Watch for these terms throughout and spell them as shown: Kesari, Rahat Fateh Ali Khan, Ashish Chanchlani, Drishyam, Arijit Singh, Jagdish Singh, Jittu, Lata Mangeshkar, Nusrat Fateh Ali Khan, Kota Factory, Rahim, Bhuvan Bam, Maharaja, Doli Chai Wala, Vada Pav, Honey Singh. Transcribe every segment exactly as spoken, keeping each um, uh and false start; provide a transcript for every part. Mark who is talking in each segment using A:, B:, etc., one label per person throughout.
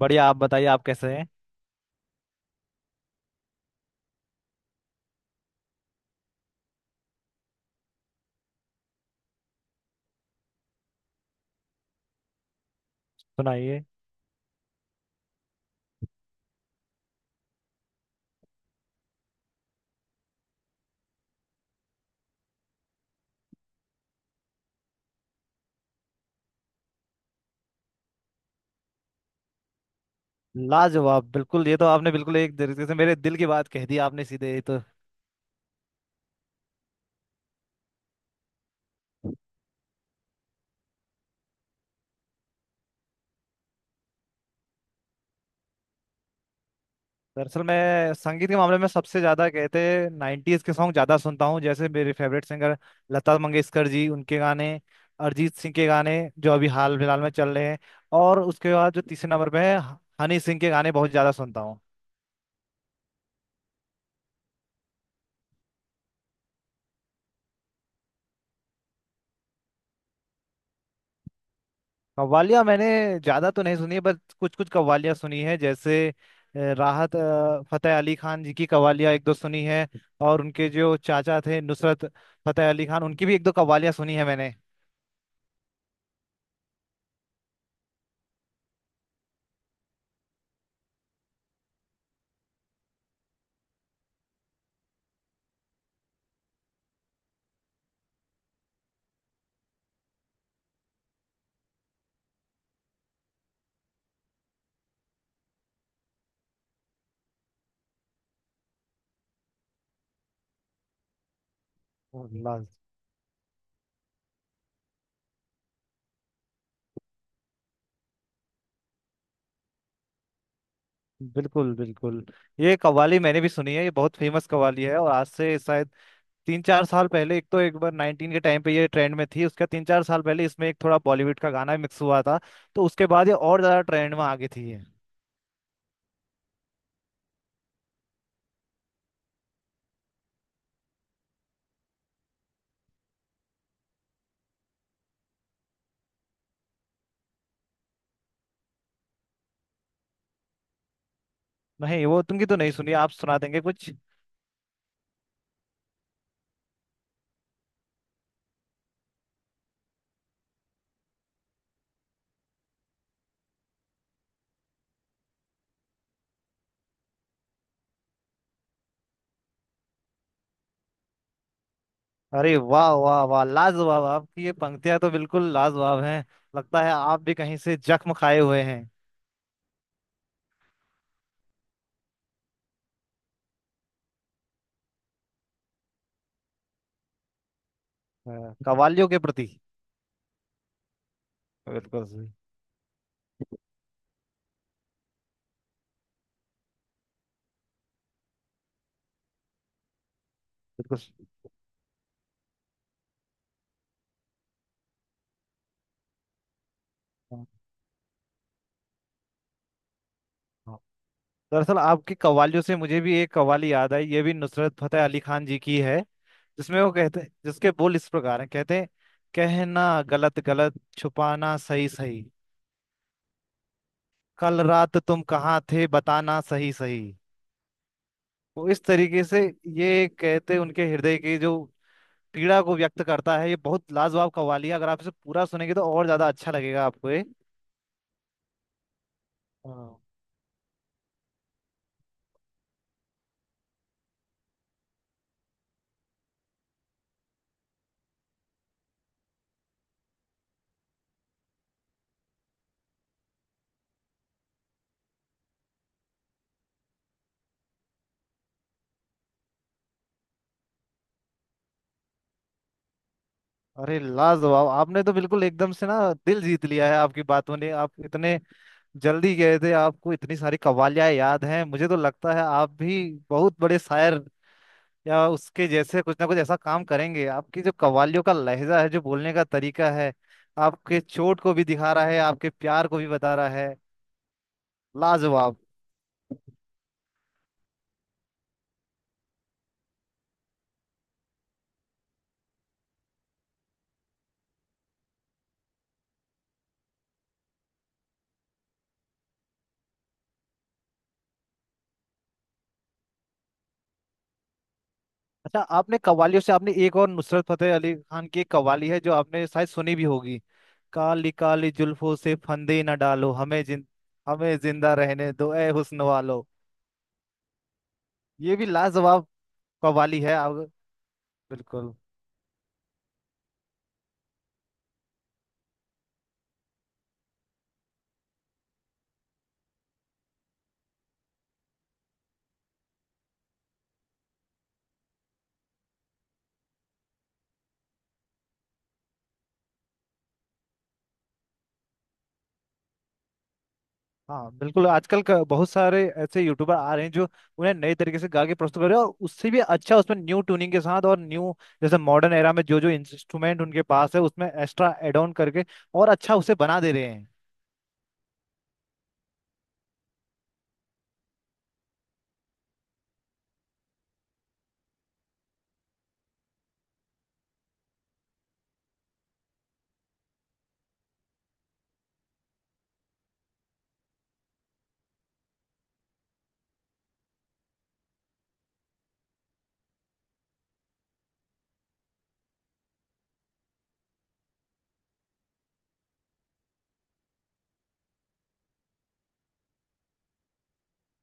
A: बढ़िया। आप बताइए, आप कैसे हैं? सुनाइए। लाजवाब! बिल्कुल, ये तो आपने बिल्कुल एक तरीके से मेरे दिल की बात कह दी आपने, सीधे ये तो। दरअसल मैं संगीत के मामले में सबसे ज्यादा, कहते हैं, नाइन्टीज के सॉन्ग ज्यादा सुनता हूँ। जैसे मेरे फेवरेट सिंगर लता मंगेशकर जी, उनके गाने। अरिजीत सिंह के गाने जो अभी हाल फिलहाल में चल रहे हैं। और उसके बाद जो तीसरे नंबर पे है, हनी सिंह के गाने बहुत ज्यादा सुनता हूँ। कव्वालियाँ मैंने ज़्यादा तो नहीं सुनी है, बस कुछ कुछ कव्वालियाँ सुनी है। जैसे अ, राहत अ, फतेह अली खान जी की कव्वालियाँ एक दो सुनी है। और उनके जो चाचा थे, नुसरत फतेह अली खान, उनकी भी एक दो कव्वालियाँ सुनी है मैंने। अल्लाह! बिल्कुल बिल्कुल। ये कव्वाली मैंने भी सुनी है। ये बहुत फेमस कव्वाली है। और आज से शायद तीन चार साल पहले, एक तो एक बार नाइनटीन के टाइम पे ये ट्रेंड में थी, उसका तीन चार साल पहले इसमें एक थोड़ा बॉलीवुड का गाना मिक्स हुआ था। तो उसके बाद ये और ज़्यादा ट्रेंड में आ गई थी ये। नहीं, वो तुमकी तो नहीं सुनी। आप सुना देंगे कुछ? अरे वाह वाह वाह, लाजवाब! आपकी ये पंक्तियां तो बिल्कुल लाजवाब हैं। लगता है आप भी कहीं से जख्म खाए हुए हैं। अ, कव्वालियों के प्रति। बिल्कुल सही, बिल्कुल सही। हाँ, हाँ। दरअसल आपकी कव्वालियों से मुझे भी एक कव्वाली याद आई। ये भी नुसरत फतेह अली खान जी की है, जिसमें वो कहते हैं, जिसके बोल इस प्रकार हैं, कहते हैं, कहना गलत गलत, छुपाना सही सही। कल रात तुम कहाँ थे, बताना सही सही। वो इस तरीके से ये कहते, उनके हृदय की जो पीड़ा को व्यक्त करता है, ये बहुत लाजवाब कव्वाली है। अगर आप इसे पूरा सुनेंगे तो और ज्यादा अच्छा लगेगा आपको ये। हाँ। अरे लाजवाब! आपने तो बिल्कुल एकदम से ना दिल जीत लिया है, आपकी बातों ने। आप इतने जल्दी गए थे, आपको इतनी सारी कव्वालियां याद हैं। मुझे तो लगता है आप भी बहुत बड़े शायर या उसके जैसे कुछ ना कुछ ऐसा काम करेंगे। आपकी जो कव्वालियों का लहजा है, जो बोलने का तरीका है, आपके चोट को भी दिखा रहा है, आपके प्यार को भी बता रहा है। लाजवाब। अच्छा आपने कव्वालियों से, आपने एक और नुसरत फतेह अली खान की एक कव्वाली है जो आपने शायद सुनी भी होगी। काली काली जुल्फों से फंदे न डालो हमें, जिन हमें जिंदा रहने दो ए हुस्न वालो। ये भी लाजवाब कव्वाली है आप। बिल्कुल। हाँ, बिल्कुल। आजकल क- बहुत सारे ऐसे यूट्यूबर आ रहे हैं जो उन्हें नए तरीके से गा के प्रस्तुत कर रहे हैं। और उससे भी अच्छा, उसमें न्यू ट्यूनिंग के साथ और न्यू, जैसे मॉडर्न एरा में जो जो इंस्ट्रूमेंट उनके पास है उसमें एक्स्ट्रा एड ऑन करके और अच्छा उसे बना दे रहे हैं।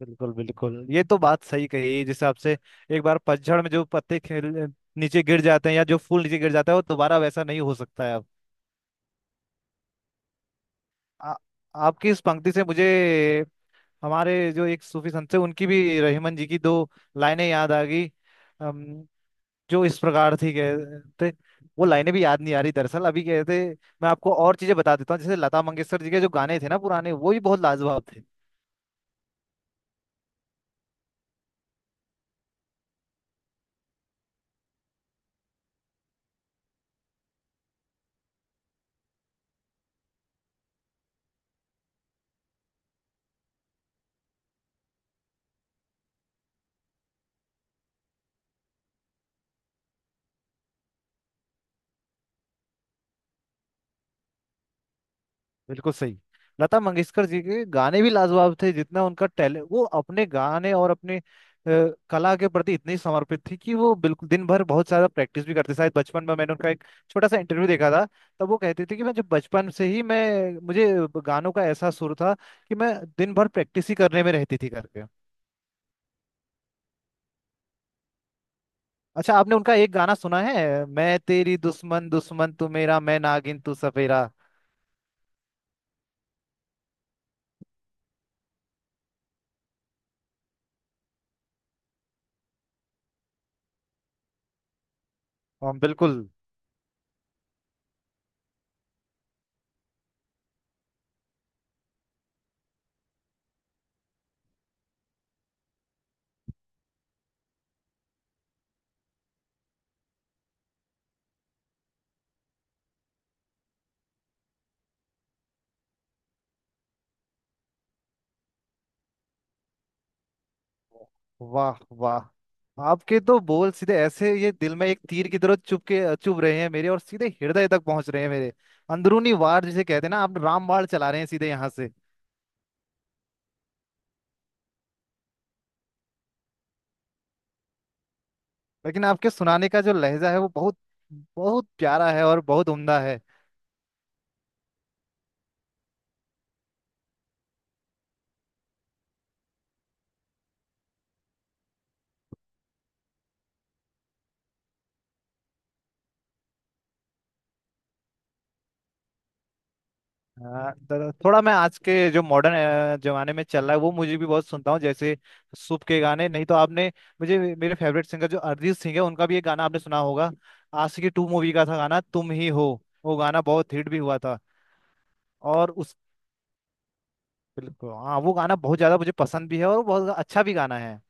A: बिल्कुल बिल्कुल, ये तो बात सही कही। जिस हिसाब से एक बार पतझड़ में जो पत्ते खेल नीचे गिर जाते हैं, या जो फूल नीचे गिर जाता है, वो दोबारा वैसा नहीं हो सकता है अब। आ, आपकी इस पंक्ति से मुझे हमारे जो एक सूफी संत थे, उनकी भी, रहीमन जी की दो लाइनें याद आ गई। अम, जो इस प्रकार थी, कहते, वो लाइनें भी याद नहीं आ रही दरअसल अभी, कहते। मैं आपको और चीजें बता देता हूँ। जैसे लता मंगेशकर जी के जो गाने थे ना पुराने, वो भी बहुत लाजवाब थे। बिल्कुल सही। लता मंगेशकर जी के गाने भी लाजवाब थे। जितना उनका टैलेंट, वो अपने गाने और अपने अ, कला के प्रति इतनी समर्पित थी कि वो बिल्कुल दिन भर बहुत ज्यादा प्रैक्टिस भी करते। शायद बचपन में मैंने उनका एक छोटा सा इंटरव्यू देखा था, तब वो कहते थे कि मैं जब बचपन से ही, मैं मुझे गानों का ऐसा सुर था कि मैं दिन भर प्रैक्टिस ही करने में रहती थी करके। अच्छा आपने उनका एक गाना सुना है, मैं तेरी दुश्मन, दुश्मन तू मेरा, मैं नागिन तू सफेरा? हाँ, बिल्कुल। वाह वाह! आपके तो बोल सीधे ऐसे ये दिल में एक तीर की तरह चुभ के चुभ रहे हैं मेरे, और सीधे हृदय तक पहुंच रहे हैं मेरे। अंदरूनी वार जिसे कहते हैं ना, आप राम बाण चला रहे हैं सीधे यहाँ से। लेकिन आपके सुनाने का जो लहजा है वो बहुत बहुत प्यारा है और बहुत उम्दा है। हाँ, तो थोड़ा मैं आज के जो मॉडर्न जमाने में चल रहा है वो मुझे भी बहुत सुनता हूँ। जैसे सूप के गाने, नहीं तो आपने, मुझे मेरे फेवरेट सिंगर जो अरिजीत सिंह है उनका भी एक गाना आपने सुना होगा, आशिकी टू मूवी का था गाना, तुम ही हो। वो गाना बहुत हिट भी हुआ था। और उस, बिल्कुल हाँ, वो गाना बहुत ज्यादा मुझे पसंद भी है और वो बहुत अच्छा भी गाना है।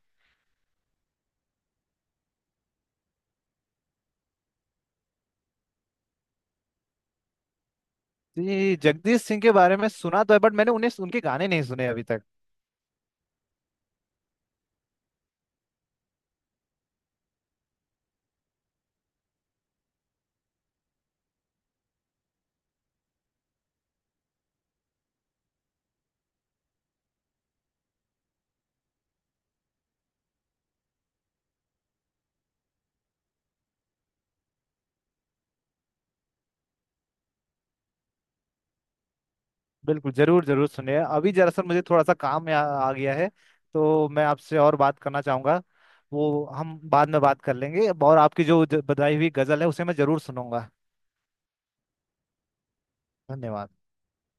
A: जी, जगदीश सिंह के बारे में सुना तो है, बट मैंने उन्हें, उनके गाने नहीं सुने अभी तक। बिल्कुल, जरूर जरूर सुने। अभी दरअसल मुझे थोड़ा सा काम आ, आ गया है, तो मैं आपसे और बात करना चाहूंगा। वो हम बाद में बात कर लेंगे, और आपकी जो ज- बताई हुई गजल है उसे मैं जरूर सुनूंगा। धन्यवाद।